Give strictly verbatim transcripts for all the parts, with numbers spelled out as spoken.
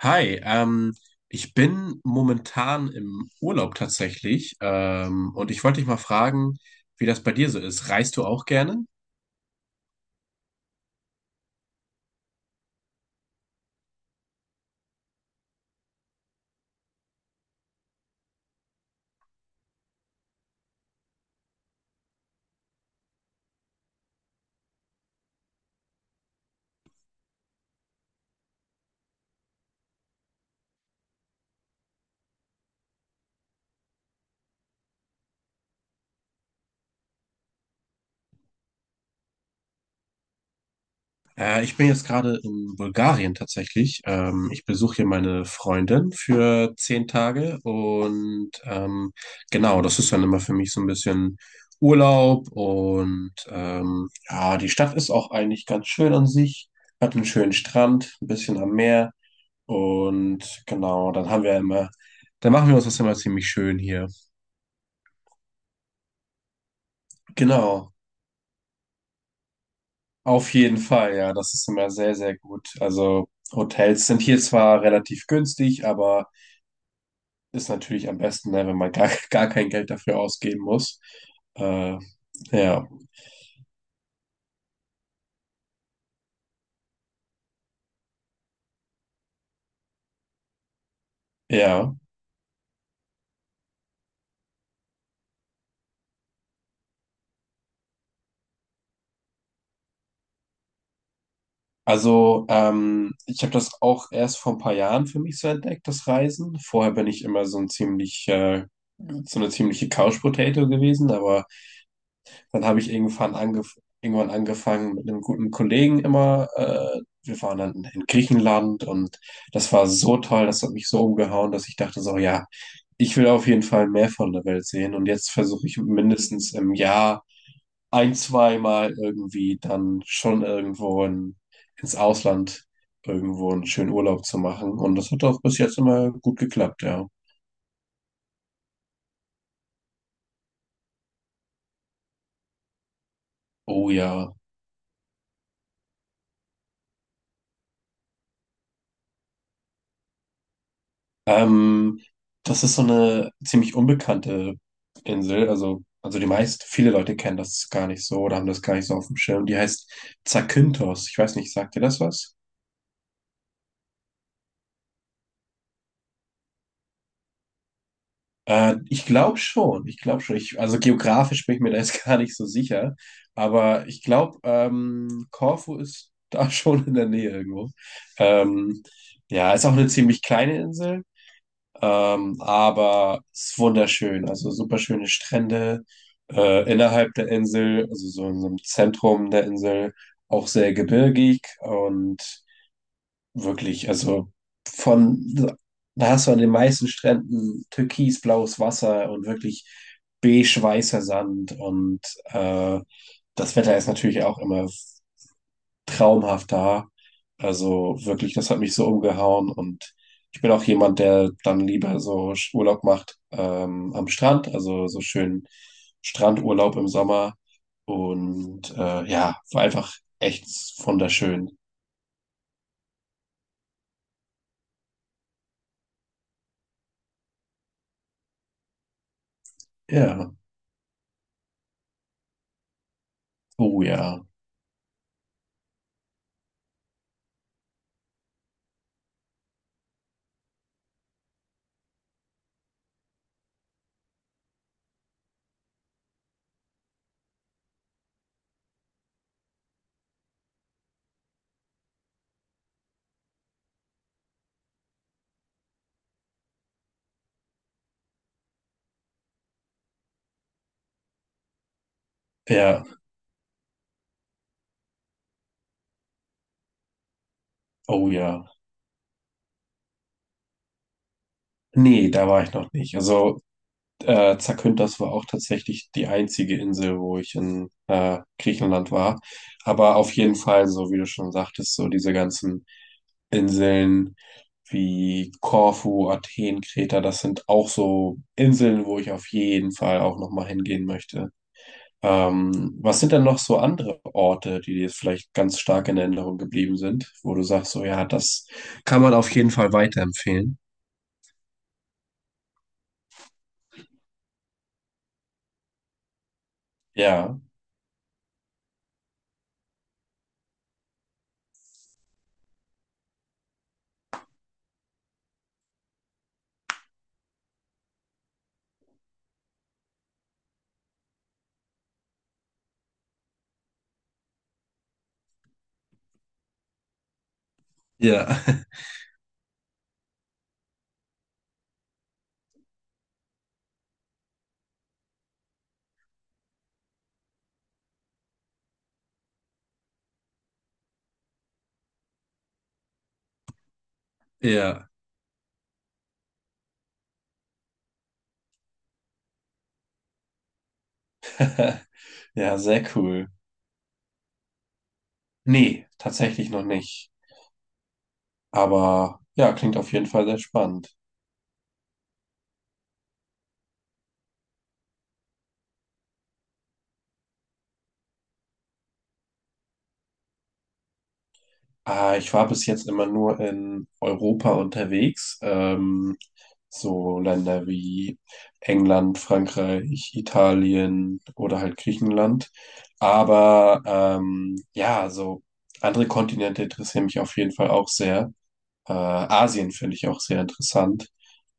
Hi, ähm, ich bin momentan im Urlaub tatsächlich, ähm, und ich wollte dich mal fragen, wie das bei dir so ist. Reist du auch gerne? Äh, ich bin jetzt gerade in Bulgarien tatsächlich. Ähm, ich besuche hier meine Freundin für zehn Tage und ähm, genau, das ist dann immer für mich so ein bisschen Urlaub und ähm, ja, die Stadt ist auch eigentlich ganz schön an sich, hat einen schönen Strand, ein bisschen am Meer. Und genau, dann haben wir immer, dann machen wir uns das immer ziemlich schön hier. Genau, auf jeden Fall, ja, das ist immer sehr, sehr gut. Also Hotels sind hier zwar relativ günstig, aber ist natürlich am besten, ne, wenn man gar, gar kein Geld dafür ausgeben muss. Äh, ja, ja. Also ähm, ich habe das auch erst vor ein paar Jahren für mich so entdeckt, das Reisen. Vorher bin ich immer so ein ziemlich, äh, so eine ziemliche Couch Potato gewesen, aber dann habe ich irgendwann, angef irgendwann angefangen mit einem guten Kollegen immer. Äh, wir waren dann in Griechenland und das war so toll, das hat mich so umgehauen, dass ich dachte so, ja, ich will auf jeden Fall mehr von der Welt sehen. Und jetzt versuche ich mindestens im Jahr ein, zweimal irgendwie dann schon irgendwo in, ins Ausland irgendwo einen schönen Urlaub zu machen. Und das hat auch bis jetzt immer gut geklappt, ja. Oh ja. Ähm, Das ist so eine ziemlich unbekannte Insel. Also, also die meisten, viele Leute kennen das gar nicht so oder haben das gar nicht so auf dem Schirm. Die heißt Zakynthos. Ich weiß nicht, sagt dir das was? Äh, ich glaube schon. Ich glaube schon. Ich, also geografisch bin ich mir da jetzt gar nicht so sicher. Aber ich glaube, ähm, Korfu ist da schon in der Nähe irgendwo. Ähm, ja, ist auch eine ziemlich kleine Insel. Ähm, aber es ist wunderschön, also super schöne Strände äh, innerhalb der Insel, also so in so einem Zentrum der Insel, auch sehr gebirgig und wirklich, also von, da hast du an den meisten Stränden türkisblaues Wasser und wirklich beige-weißer Sand und äh, das Wetter ist natürlich auch immer traumhaft da. Also wirklich, das hat mich so umgehauen und ich bin auch jemand, der dann lieber so Sch- Urlaub macht ähm, am Strand, also so schön Strandurlaub im Sommer und äh, ja, war einfach echt wunderschön. Ja, oh ja, ja, oh ja. Nee, da war ich noch nicht. Also äh, Zakynthos war auch tatsächlich die einzige Insel, wo ich in äh, Griechenland war. Aber auf jeden Fall, so wie du schon sagtest, so diese ganzen Inseln wie Korfu, Athen, Kreta, das sind auch so Inseln, wo ich auf jeden Fall auch nochmal hingehen möchte. Ähm, was sind denn noch so andere Orte, die dir jetzt vielleicht ganz stark in Erinnerung geblieben sind, wo du sagst, so ja, das kann man auf jeden Fall weiterempfehlen? Ja, ja, ja. Ja, sehr cool. Nee, tatsächlich noch nicht. Aber ja, klingt auf jeden Fall sehr spannend. Ah, ich war bis jetzt immer nur in Europa unterwegs, ähm, so Länder wie England, Frankreich, Italien oder halt Griechenland. Aber ähm, ja, so andere Kontinente interessieren mich auf jeden Fall auch sehr. Äh, Asien finde ich auch sehr interessant.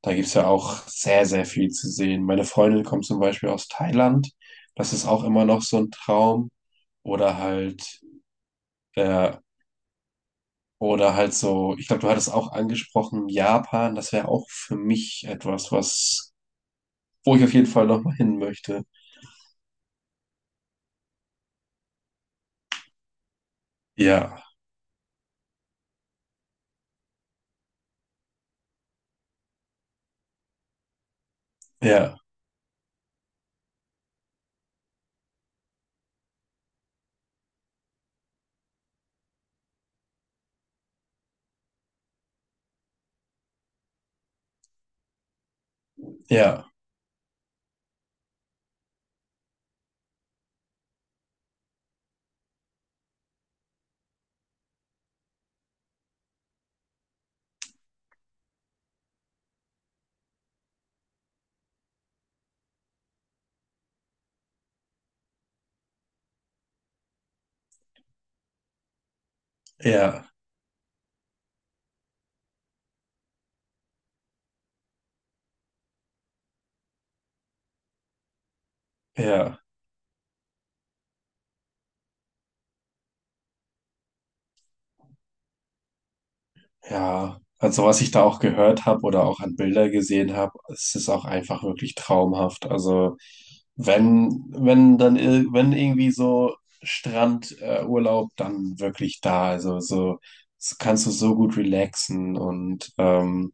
Da gibt's ja auch sehr, sehr viel zu sehen. Meine Freundin kommt zum Beispiel aus Thailand. Das ist auch immer noch so ein Traum. Oder halt äh, oder halt so, ich glaube, du hattest auch angesprochen, Japan, das wäre auch für mich etwas, was, wo ich auf jeden Fall nochmal hin möchte. Ja, ja, ja, ja, ja, ja. Also was ich da auch gehört habe oder auch an Bilder gesehen habe, es ist auch einfach wirklich traumhaft. Also wenn, wenn dann, ir- wenn irgendwie so Strandurlaub, äh, Urlaub, dann wirklich da. Also so, so kannst du so gut relaxen und ähm,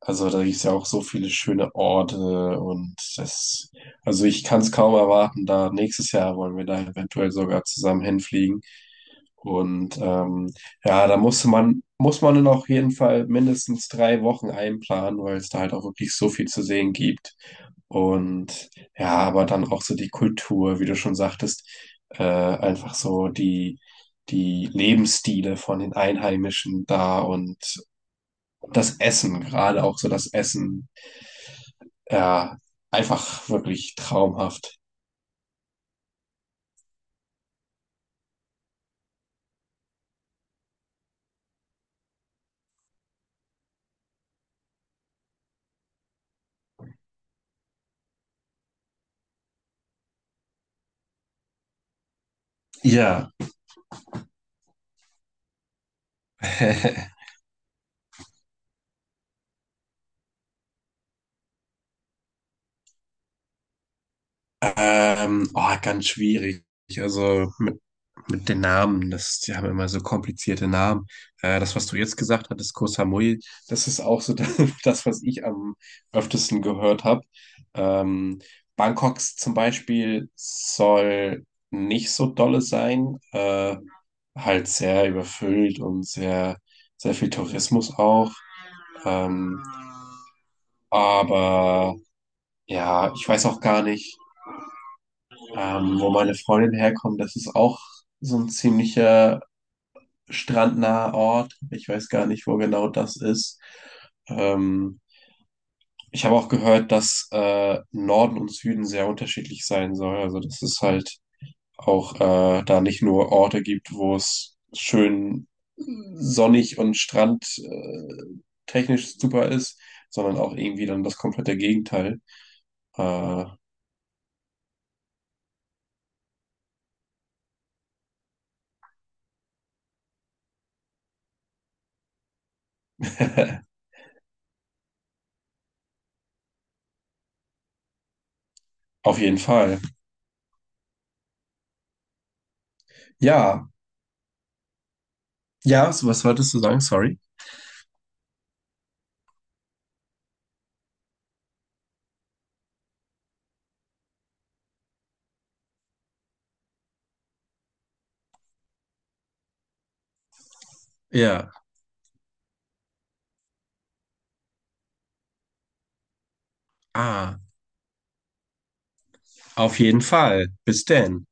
also da gibt es ja auch so viele schöne Orte und das, also ich kann es kaum erwarten, da nächstes Jahr wollen wir da eventuell sogar zusammen hinfliegen. Und ähm, ja, da musste man, muss man dann auf jeden Fall mindestens drei Wochen einplanen, weil es da halt auch wirklich so viel zu sehen gibt. Und ja, aber dann auch so die Kultur, wie du schon sagtest, äh, einfach so die, die Lebensstile von den Einheimischen da und das Essen, gerade auch so das Essen. Ja, einfach wirklich traumhaft. Ja, ähm, oh, ganz schwierig. Also mit, mit den Namen, das, die haben immer so komplizierte Namen. Äh, das, was du jetzt gesagt hattest, Koh Samui, das ist auch so das, was ich am öftesten gehört habe. Ähm, Bangkoks zum Beispiel soll nicht so dolle sein, äh, halt sehr überfüllt und sehr, sehr viel Tourismus auch. Ähm, Aber ja, ich weiß auch gar nicht, ähm, wo meine Freundin herkommt. Das ist auch so ein ziemlicher strandnaher Ort. Ich weiß gar nicht, wo genau das ist. Ähm, Ich habe auch gehört, dass äh, Norden und Süden sehr unterschiedlich sein soll. Also, dass es halt auch äh, da nicht nur Orte gibt, wo es schön sonnig und strand äh, technisch super ist, sondern auch irgendwie dann das komplette Gegenteil. Äh, Auf jeden Fall. Ja, ja, so was wolltest du sagen? Sorry. Ja. Ah, auf jeden Fall. Bis denn.